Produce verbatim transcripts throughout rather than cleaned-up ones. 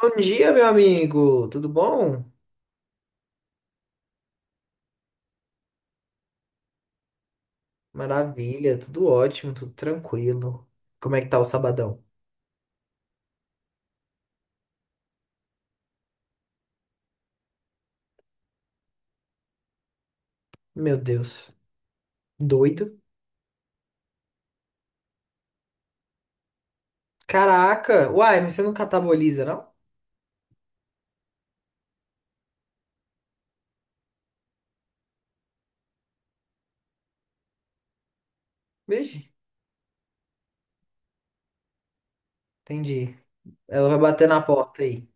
Bom dia, meu amigo. Tudo bom? Maravilha, tudo ótimo, tudo tranquilo. Como é que tá o sabadão? Meu Deus, doido. Caraca, uai, mas você não cataboliza, não? Beijo. Entendi. Ela vai bater na porta aí.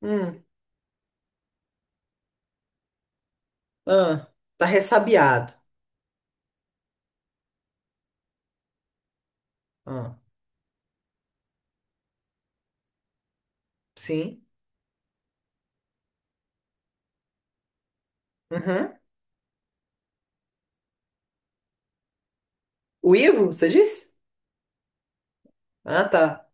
Hum. Ah, tá ressabiado. Ah, sim. Uhum. O Ivo, você disse? Ah, tá.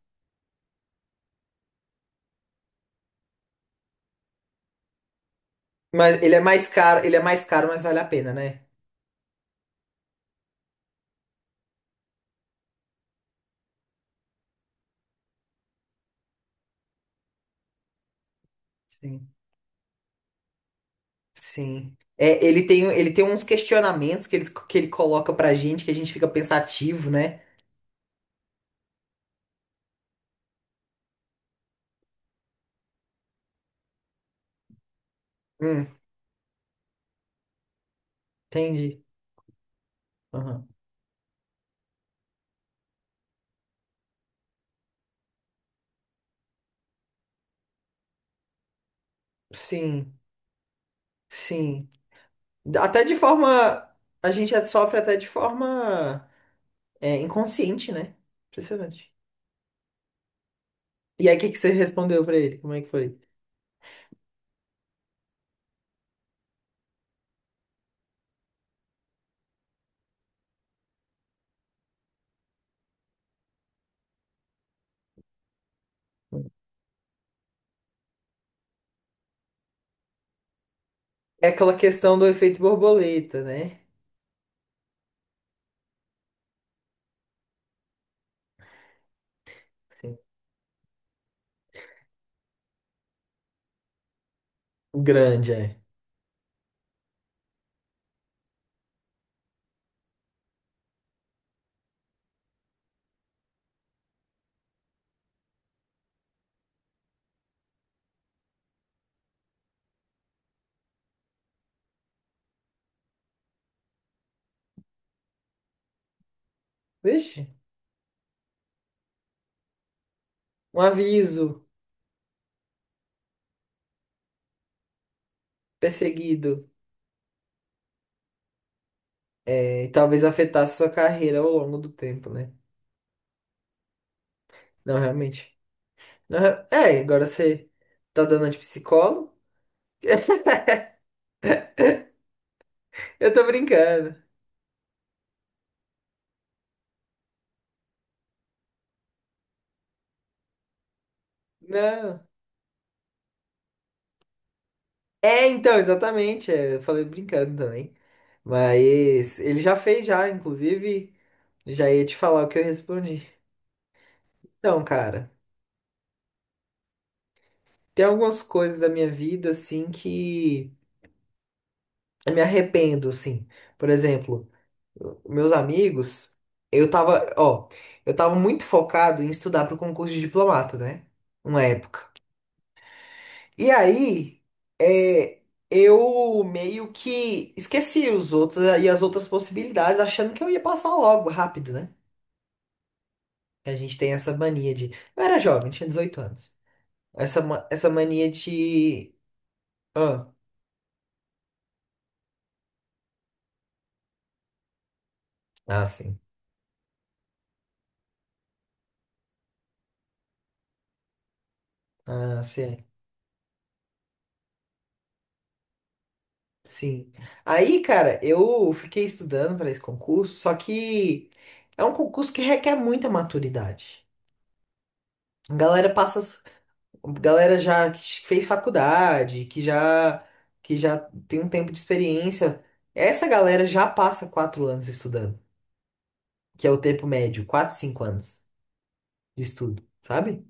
Mas ele é mais caro, ele é mais caro, mas vale a pena, né? Sim. Sim. É, ele tem, ele tem uns questionamentos que ele, que ele coloca pra gente que a gente fica pensativo, né? Hum, entendi. Aham. Sim, sim. Até de forma. A gente sofre até de forma, é, inconsciente, né? Impressionante. E aí, o que que você respondeu pra ele? Como é que foi? É aquela questão do efeito borboleta, né? Sim. Grande, é. Vixe, um aviso perseguido. É, e talvez afetasse sua carreira ao longo do tempo, né? Não, realmente. Aham. É, agora você tá dando de psicólogo? Eu tô brincando. Não. É, então, exatamente. É, eu falei brincando também. Mas ele já fez já, inclusive, já ia te falar o que eu respondi. Então, cara, tem algumas coisas da minha vida, assim, que eu me arrependo, assim. Por exemplo, meus amigos, eu tava, ó, eu tava muito focado em estudar pro concurso de diplomata, né? Uma época. E aí, é, eu meio que esqueci os outros eh, e as outras possibilidades, achando que eu ia passar logo, rápido, né? Que a gente tem essa mania de. Eu era jovem, tinha dezoito anos. Essa, ma- essa mania de. Ah, ah, sim. Ah, sim. é, Sim. Aí, cara, eu fiquei estudando para esse concurso, só que é um concurso que requer muita maturidade. A galera passa. Galera já que fez faculdade, que já que já tem um tempo de experiência. Essa galera já passa quatro anos estudando, que é o tempo médio, quatro, cinco anos de estudo, sabe?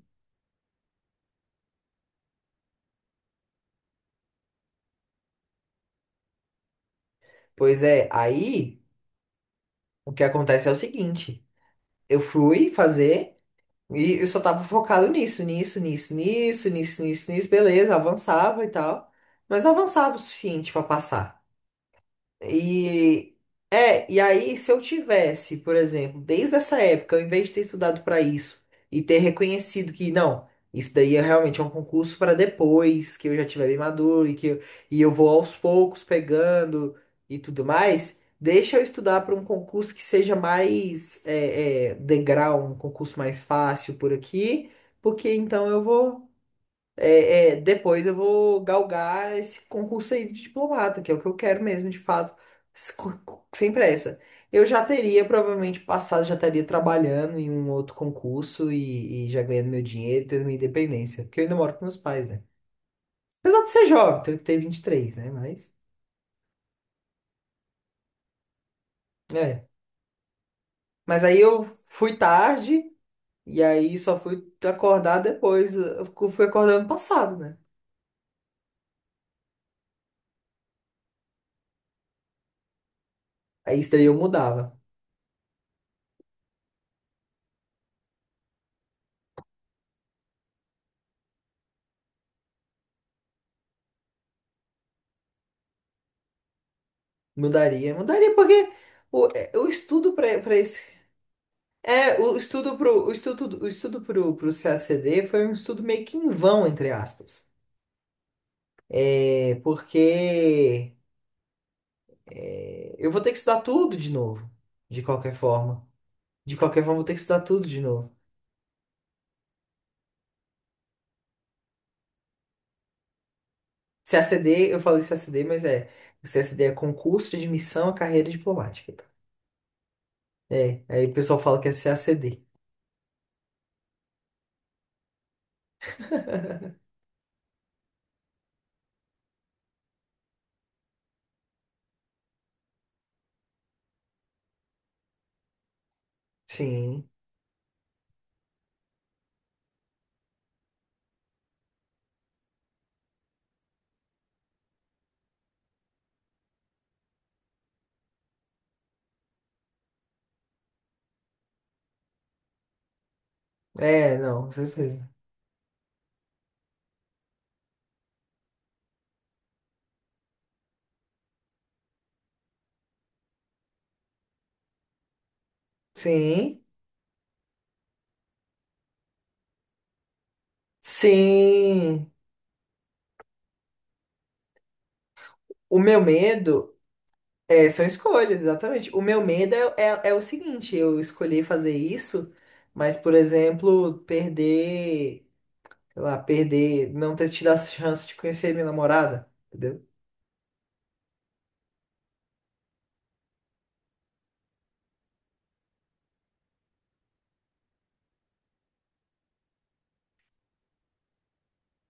Pois é, aí o que acontece é o seguinte: eu fui fazer e eu só tava focado nisso, nisso, nisso, nisso, nisso, nisso, nisso, beleza, avançava e tal, mas não avançava o suficiente pra passar. E é, e aí se eu tivesse, por exemplo, desde essa época, ao invés de ter estudado para isso e ter reconhecido que não, isso daí é realmente é um concurso para depois, que eu já tiver bem maduro e que eu, e eu vou aos poucos pegando e tudo mais, deixa eu estudar para um concurso que seja mais é, é, degrau, um concurso mais fácil por aqui, porque então eu vou é, é, depois eu vou galgar esse concurso aí de diplomata, que é o que eu quero mesmo, de fato, se- co- co- sem pressa. Eu já teria provavelmente passado, já estaria trabalhando em um outro concurso e, e já ganhando meu dinheiro, tendo minha independência, porque eu ainda moro com meus pais, né? Apesar de ser jovem, ter, ter vinte e três, né? Mas, é. Mas aí eu fui tarde e aí só fui acordar depois, eu fui acordar ano passado, né? Aí isso daí eu mudava. Mudaria, mudaria porque o, é, o estudo para para esse é o estudo pro o estudo o estudo pro, pro C C A C D foi um estudo meio que em vão, entre aspas. É, porque é, eu vou ter que estudar tudo de novo, de qualquer forma. De qualquer forma, eu vou ter que estudar tudo de novo. C C A C D, eu falei C C A C D, mas é C C A C D, é concurso de admissão à carreira diplomática. Tá? É, aí o pessoal fala que é C C A C D. Sim. É, não, com certeza. Sim. Sim. O meu medo é, são escolhas, exatamente. O meu medo é, é, é o seguinte, eu escolhi fazer isso, mas, por exemplo, perder, sei lá, perder, não ter tido a chance de conhecer minha namorada, entendeu?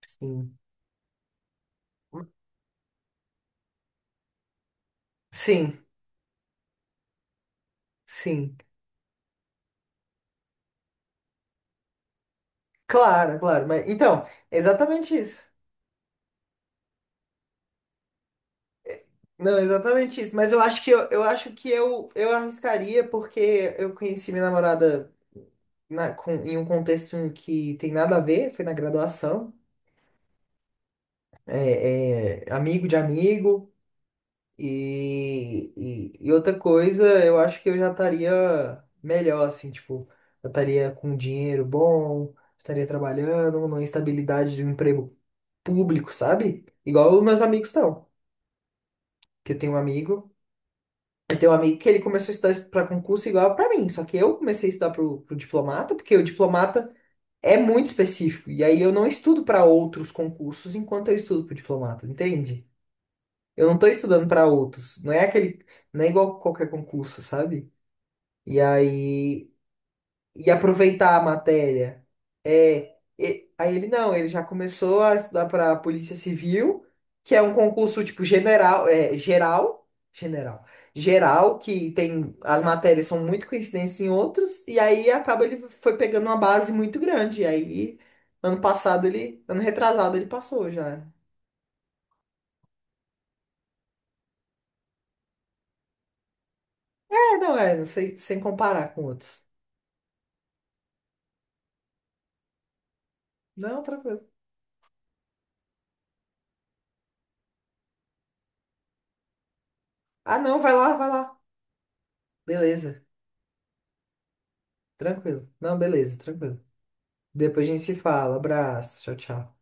Sim. Sim, sim. Claro, claro. Mas, então, é exatamente isso. Não, é exatamente isso. Mas eu acho que eu, eu acho que eu, eu arriscaria porque eu conheci minha namorada na- com- em um contexto em que tem nada a ver, foi na graduação. É, é amigo de amigo e, e, e outra coisa, eu acho que eu já estaria melhor, assim, tipo, eu estaria com dinheiro bom, estaria trabalhando, numa estabilidade de um emprego público, sabe? Igual os meus amigos estão. Que eu tenho um amigo, eu tenho um amigo que ele começou a estudar para concurso igual para mim, só que eu comecei a estudar pro, pro diplomata, porque o diplomata é muito específico, e aí eu não estudo para outros concursos enquanto eu estudo pro diplomata, entende? Eu não tô estudando para outros. Não é aquele, não é igual qualquer concurso, sabe? E aí, e aproveitar a matéria. É, e- aí ele não, ele já começou a estudar para Polícia Civil, que é um concurso tipo general, é, geral, general, geral, que tem as matérias são muito coincidentes em outros, e aí acaba ele foi pegando uma base muito grande. E aí, ano passado ele, ano retrasado ele passou já. É, não é, não sei, sem comparar com outros. Não, tranquilo. Ah, não, vai lá, vai lá. Beleza, tranquilo. Não, beleza, tranquilo. Depois a gente se fala. Abraço, tchau, tchau.